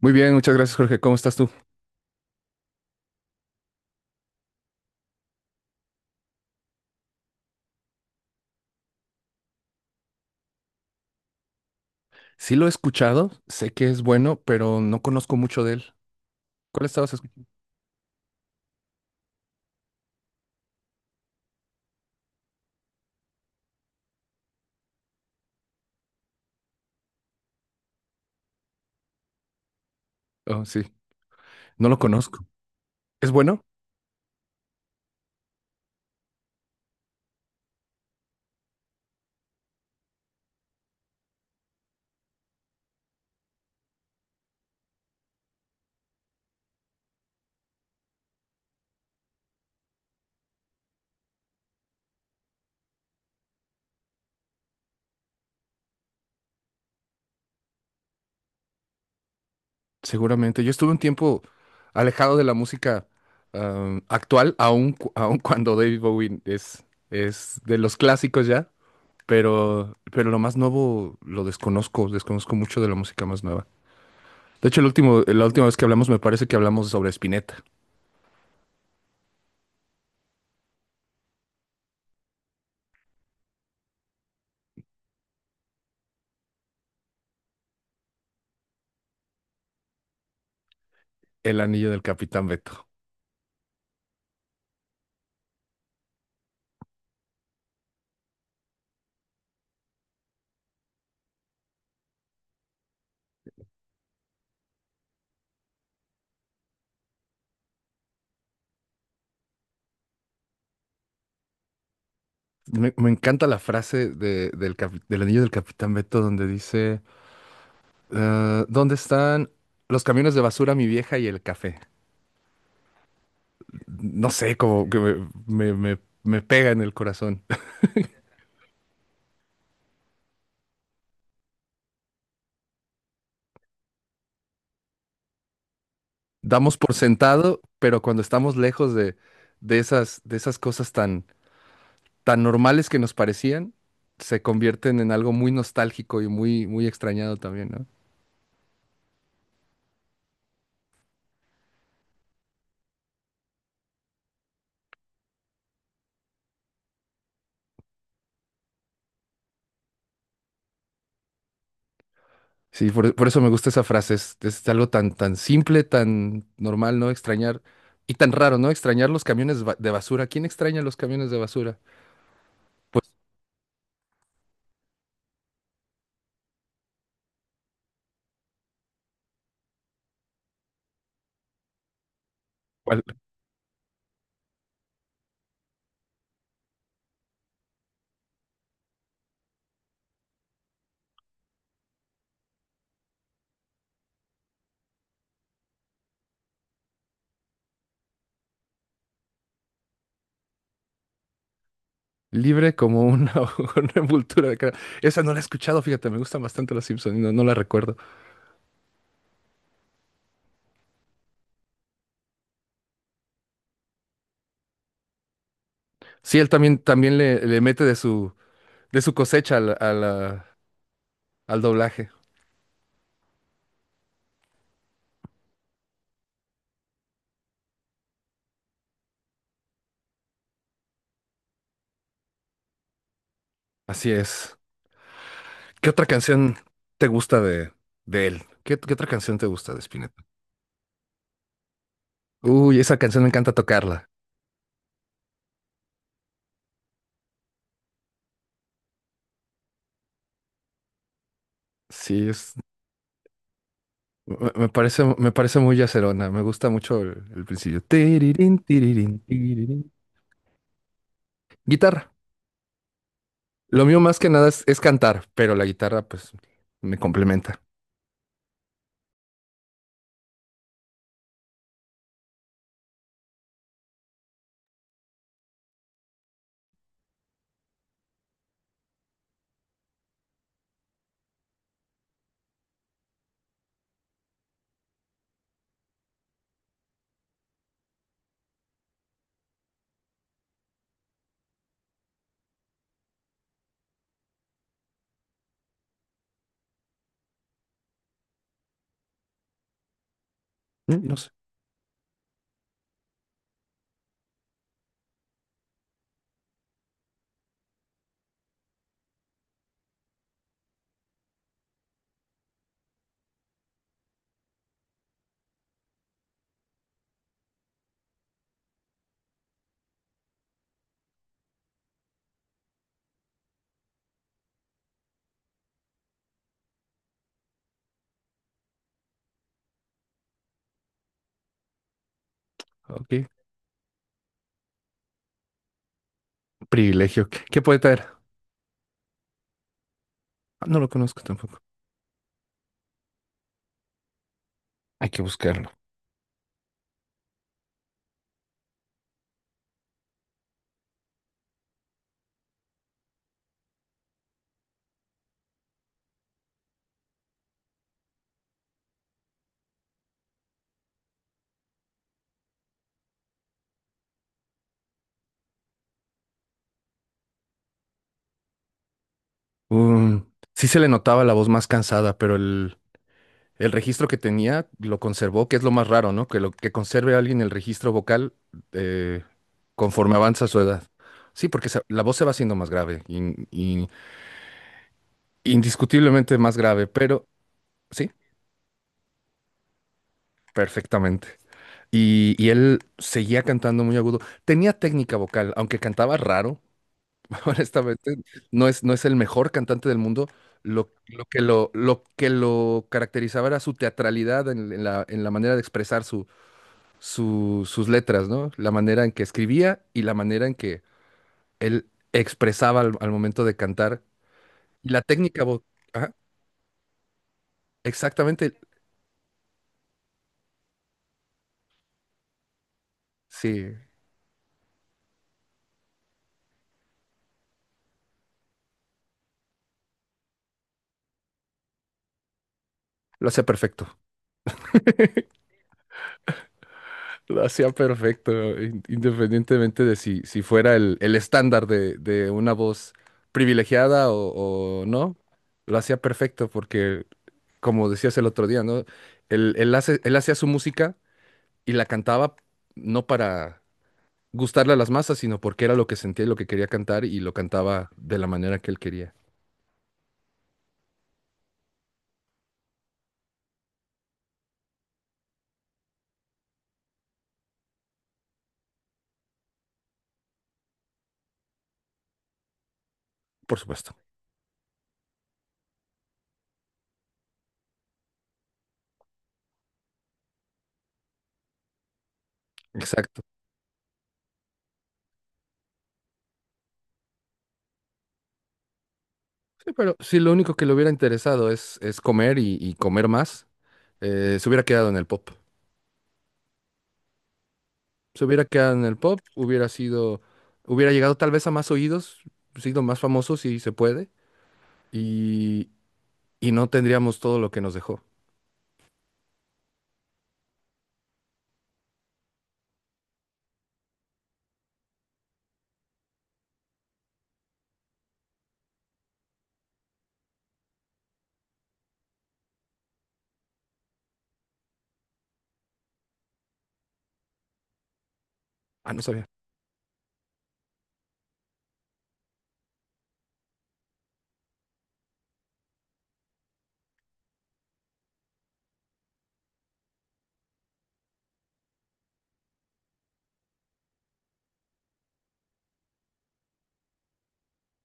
Muy bien, muchas gracias, Jorge. ¿Cómo estás tú? Sí lo he escuchado, sé que es bueno, pero no conozco mucho de él. ¿Cuál estabas escuchando? Oh, sí, no lo conozco. ¿Es bueno? Seguramente. Yo estuve un tiempo alejado de la música am, actual, aun, cu- aun cuando David Bowie es de los clásicos ya, pero lo más nuevo lo desconozco, desconozco mucho de la música más nueva. De hecho, la última vez que hablamos me parece que hablamos sobre Spinetta, El Anillo del Capitán Beto. Me encanta la frase del anillo del Capitán Beto donde dice, ¿dónde están los camiones de basura, mi vieja y el café? No sé, como que me- me- me pega en el corazón. Damos por sentado, pero cuando estamos lejos de esas cosas tan, tan normales que nos parecían, se convierten en algo muy nostálgico y muy, muy extrañado también, ¿no? Sí, por eso me gusta esa frase. Es algo tan, tan simple, tan normal, ¿no? Extrañar. Y tan raro, ¿no? Extrañar los camiones de basura. ¿Quién extraña los camiones de basura? Pues cual- libre como una, una envoltura de cara. Esa no la he escuchado, fíjate, me gustan bastante los Simpsons, y no, no la recuerdo. Sí, él también, también le mete de su cosecha al, a la- al doblaje. Así es. ¿Qué otra canción te gusta de él? ¿Qué, qué otra canción te gusta de Spinetta? Uy, esa canción me encanta tocarla. Sí, es. Me parece, me parece muy yacerona, me gusta mucho el principio. Tirirín, tirirín, tirirín. Guitarra. Lo mío más que nada es cantar, pero la guitarra pues me complementa. Mm, no sé, ok. Privilegio. ¿Qué, qué poeta era? Ah, no lo conozco tampoco. Hay que buscarlo. Um, sí se le notaba la voz más cansada, pero el registro que tenía lo conservó, que es lo más raro, ¿no? Que lo que conserve a alguien el registro vocal eh, conforme avanza su edad. Sí, porque la voz se va haciendo más grave y, indiscutiblemente más grave, pero sí, perfectamente. Y él seguía cantando muy agudo. Tenía técnica vocal, aunque cantaba raro, honestamente. No es el mejor cantante del mundo. Lo que lo caracterizaba era su teatralidad en, en la manera de expresar su, sus letras, ¿no? La manera en que escribía y la manera en que él expresaba al momento de cantar. Y la técnica vocal, exactamente, sí, lo hacía perfecto. Lo hacía perfecto, independientemente de si, si fuera el estándar de una voz privilegiada o no, lo hacía perfecto porque, como decías el otro día, ¿no? Él, él hacía su música y la cantaba no para gustarle a las masas, sino porque era lo que sentía y lo que quería cantar y lo cantaba de la manera que él quería, por supuesto. Exacto. Sí, pero si lo único que le hubiera interesado es comer y comer más, se hubiera quedado en el pop. Se hubiera quedado en el pop, hubiera sido, hubiera llegado tal vez a más oídos, sido más famoso si se puede, y, y no tendríamos todo lo que nos dejó. Ah, no sabía.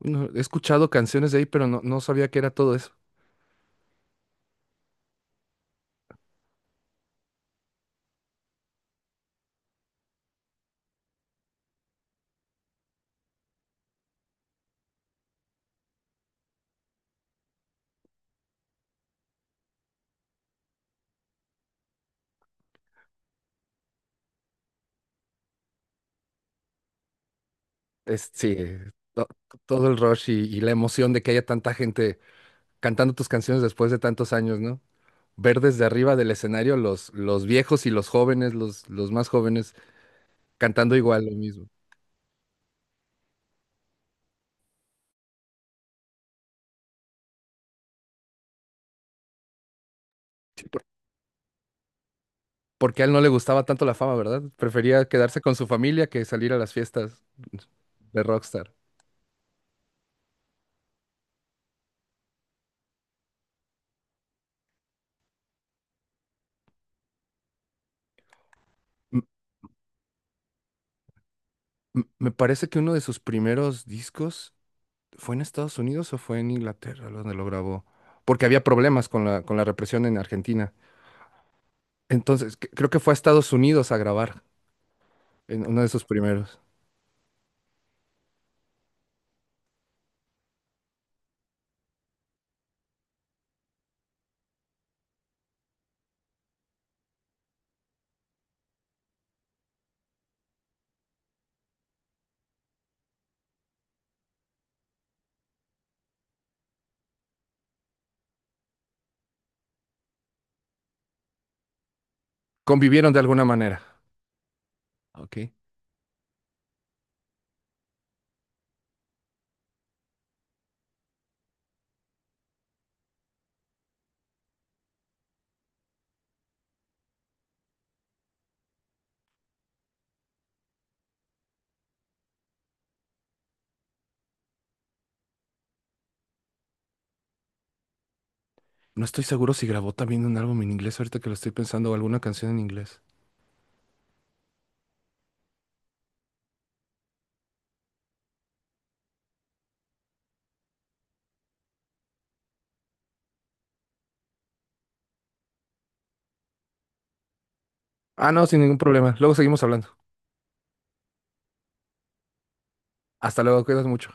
No, he escuchado canciones de ahí, pero no, no sabía que era todo eso. Es, sí, to- todo el rush y la emoción de que haya tanta gente cantando tus canciones después de tantos años, ¿no? Ver desde arriba del escenario los viejos y los jóvenes, los más jóvenes, cantando igual lo mismo. Porque a él no le gustaba tanto la fama, ¿verdad? Prefería quedarse con su familia que salir a las fiestas de rockstar. M- me parece que uno de sus primeros discos fue en Estados Unidos o fue en Inglaterra donde lo grabó, porque había problemas con la represión en Argentina. Entonces, creo que fue a Estados Unidos a grabar en uno de sus primeros. Convivieron de alguna manera, ¿ok? No estoy seguro si grabó también un álbum en inglés ahorita que lo estoy pensando o alguna canción en inglés. Ah, no, sin ningún problema. Luego seguimos hablando. Hasta luego, cuidas mucho.